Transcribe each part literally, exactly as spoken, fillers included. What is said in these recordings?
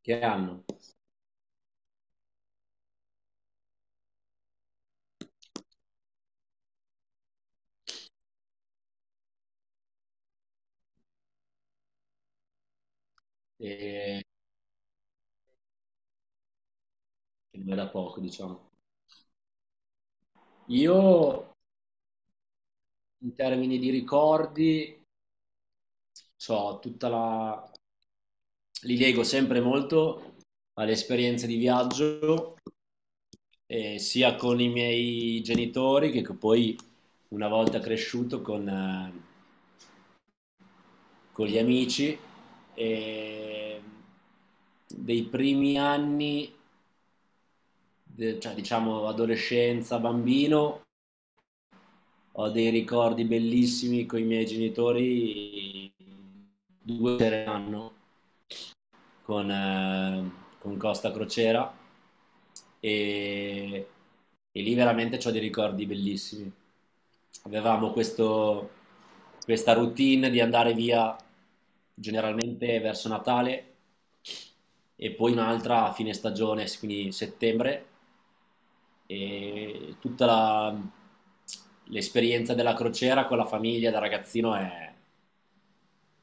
Che hanno, e che non è da poco, diciamo. Io, in termini di ricordi, so, tutta la, li leggo sempre molto alle esperienze di viaggio, eh, sia con i miei genitori che poi una volta cresciuto con, eh, con gli amici. E dei primi anni, de- cioè diciamo adolescenza, bambino, ho dei ricordi bellissimi con i miei genitori, due sere l'anno con, eh, con Costa Crociera e, e lì veramente ho dei ricordi bellissimi. Avevamo questo, questa routine di andare via generalmente verso Natale e poi un'altra a fine stagione, quindi settembre e tutta la- l'esperienza della crociera con la famiglia da ragazzino è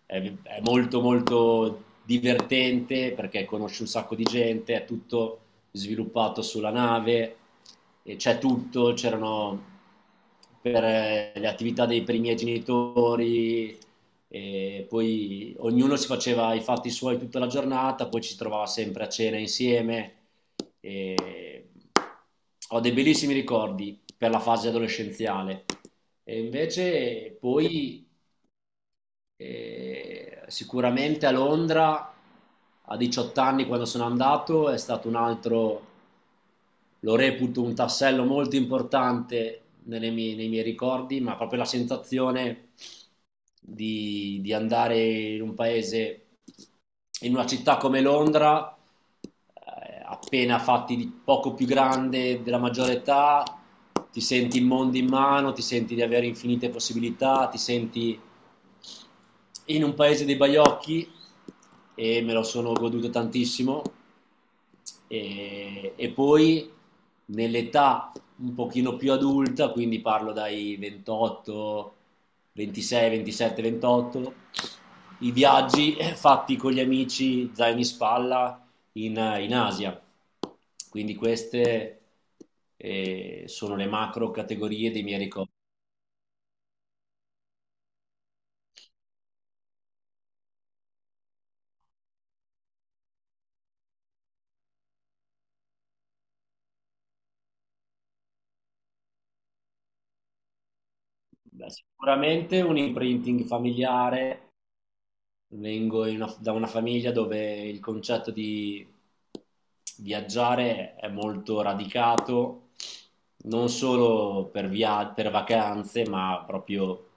è, è molto molto divertente perché conosci un sacco di gente, è tutto sviluppato sulla nave, e c'è tutto, c'erano per eh, le attività dei, per i miei genitori, e poi ognuno si faceva i fatti suoi tutta la giornata, poi ci si trovava sempre a cena insieme. E ho dei bellissimi ricordi per la fase adolescenziale. E invece poi, e sicuramente a Londra, a diciotto anni quando sono andato, è stato un altro, lo reputo un tassello molto importante nelle mie, nei miei ricordi, ma proprio la sensazione di, di andare in un paese, in una città come Londra, eh, appena fatti di poco più grande della maggiore età, ti senti il mondo in mano, ti senti di avere infinite possibilità, ti senti in un paese dei baiocchi e me lo sono goduto tantissimo e, e poi nell'età un pochino più adulta, quindi parlo dai ventotto, ventisei, ventisette, ventotto, i viaggi eh, fatti con gli amici zaino in spalla in, in Asia. Quindi queste eh, sono le macro categorie dei miei ricordi. Beh, sicuramente un imprinting familiare, vengo in una- da una famiglia dove il concetto di viaggiare è molto radicato, non solo per, via- per vacanze, ma proprio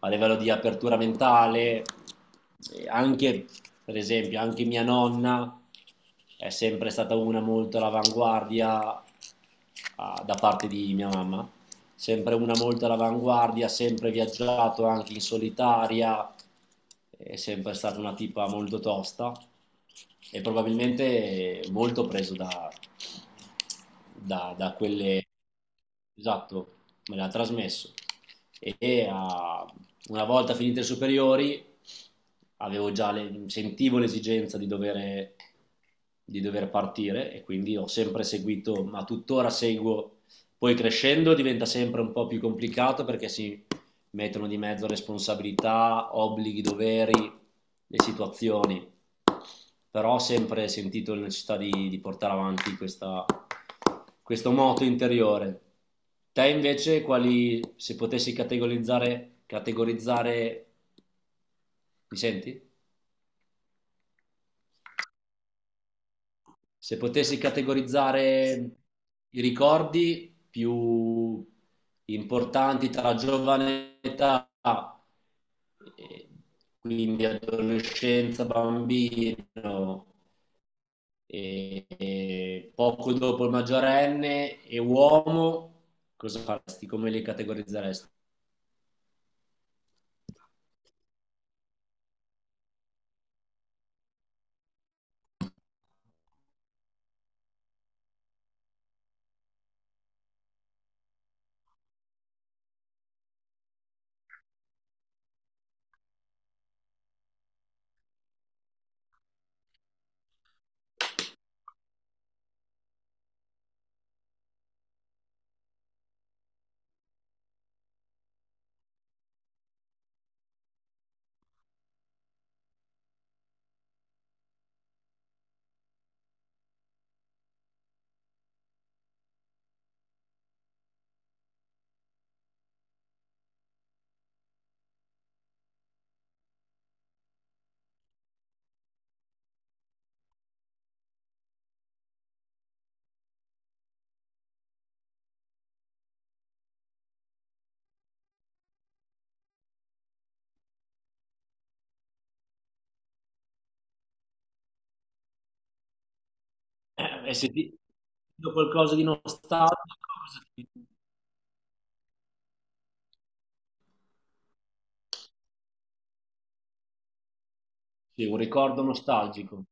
a livello di apertura mentale. E anche, per esempio, anche mia nonna è sempre stata una molto all'avanguardia, ah, da parte di mia mamma, sempre una molto all'avanguardia, sempre viaggiato anche in solitaria, è sempre stata una tipa molto tosta e probabilmente molto preso da, da, da quelle... Esatto, me l'ha trasmesso. E ah, una volta finite le superiori avevo già le- sentivo l'esigenza di dover, di dover partire e quindi ho sempre seguito, ma tuttora seguo, poi crescendo diventa sempre un po' più complicato perché si mettono di mezzo responsabilità, obblighi, doveri, le situazioni. Però ho sempre sentito la necessità di, di portare avanti questa- questo moto interiore. Te invece, quali, se potessi categorizzare, categorizzare, mi senti? Se potessi categorizzare i ricordi più importanti tra la giovane età, eh, quindi adolescenza, bambino, e- e poco dopo il maggiorenne e uomo, cosa faresti? Come li categorizzeresti? Eh, e se ti dico qualcosa di nostalgico, cosa ti- dico? Sì, un ricordo nostalgico.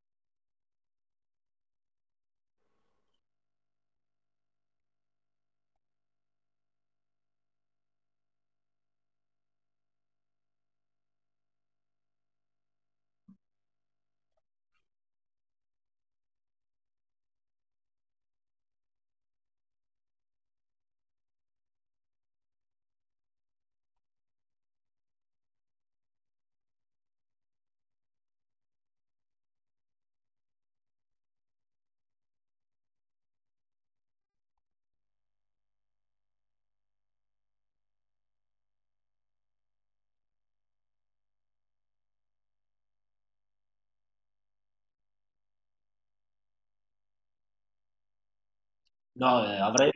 No, eh, avrei,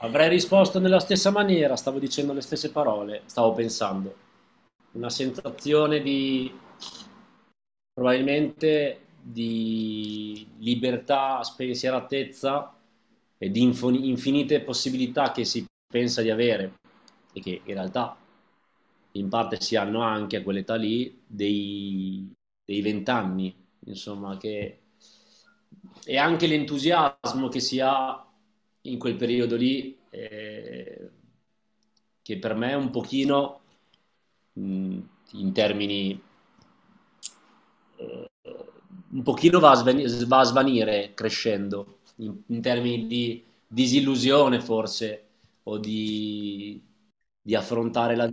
avrei risposto nella stessa maniera, stavo dicendo le stesse parole, stavo pensando. Una sensazione di, probabilmente, di libertà, spensieratezza e di infoni- infinite possibilità che si pensa di avere e che in realtà in parte si hanno anche a quell'età lì dei, dei vent'anni insomma, che... e anche l'entusiasmo che si ha in quel periodo lì, eh, che per me è un pochino, mh, in termini, un pochino va a, sveni- va a svanire crescendo, in, in termini di disillusione forse, o di, di affrontare la...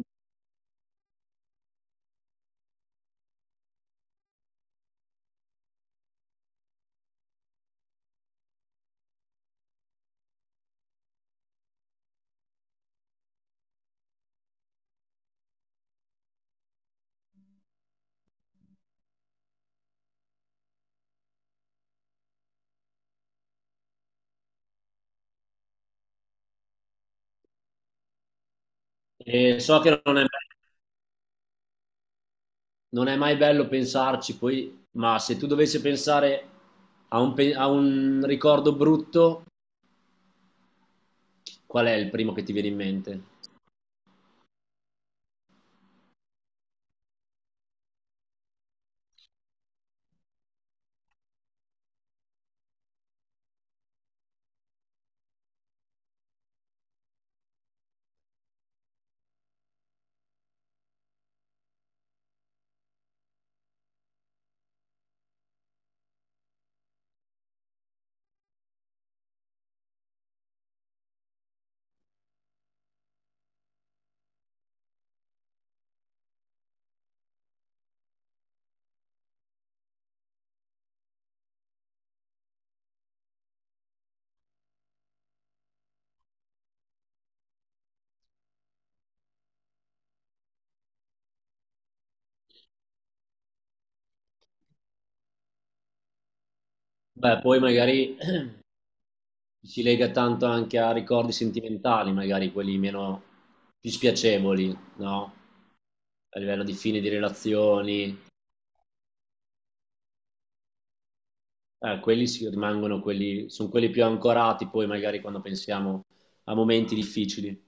E so che non è non è mai bello pensarci, poi, ma se tu dovessi pensare a un, pe- a un ricordo brutto, qual è il primo che ti viene in mente? Beh, poi magari si lega tanto anche a ricordi sentimentali, magari quelli meno, più spiacevoli, no? A livello di fine di relazioni, eh, quelli si rimangono quelli, sono quelli più ancorati poi magari quando pensiamo a momenti difficili.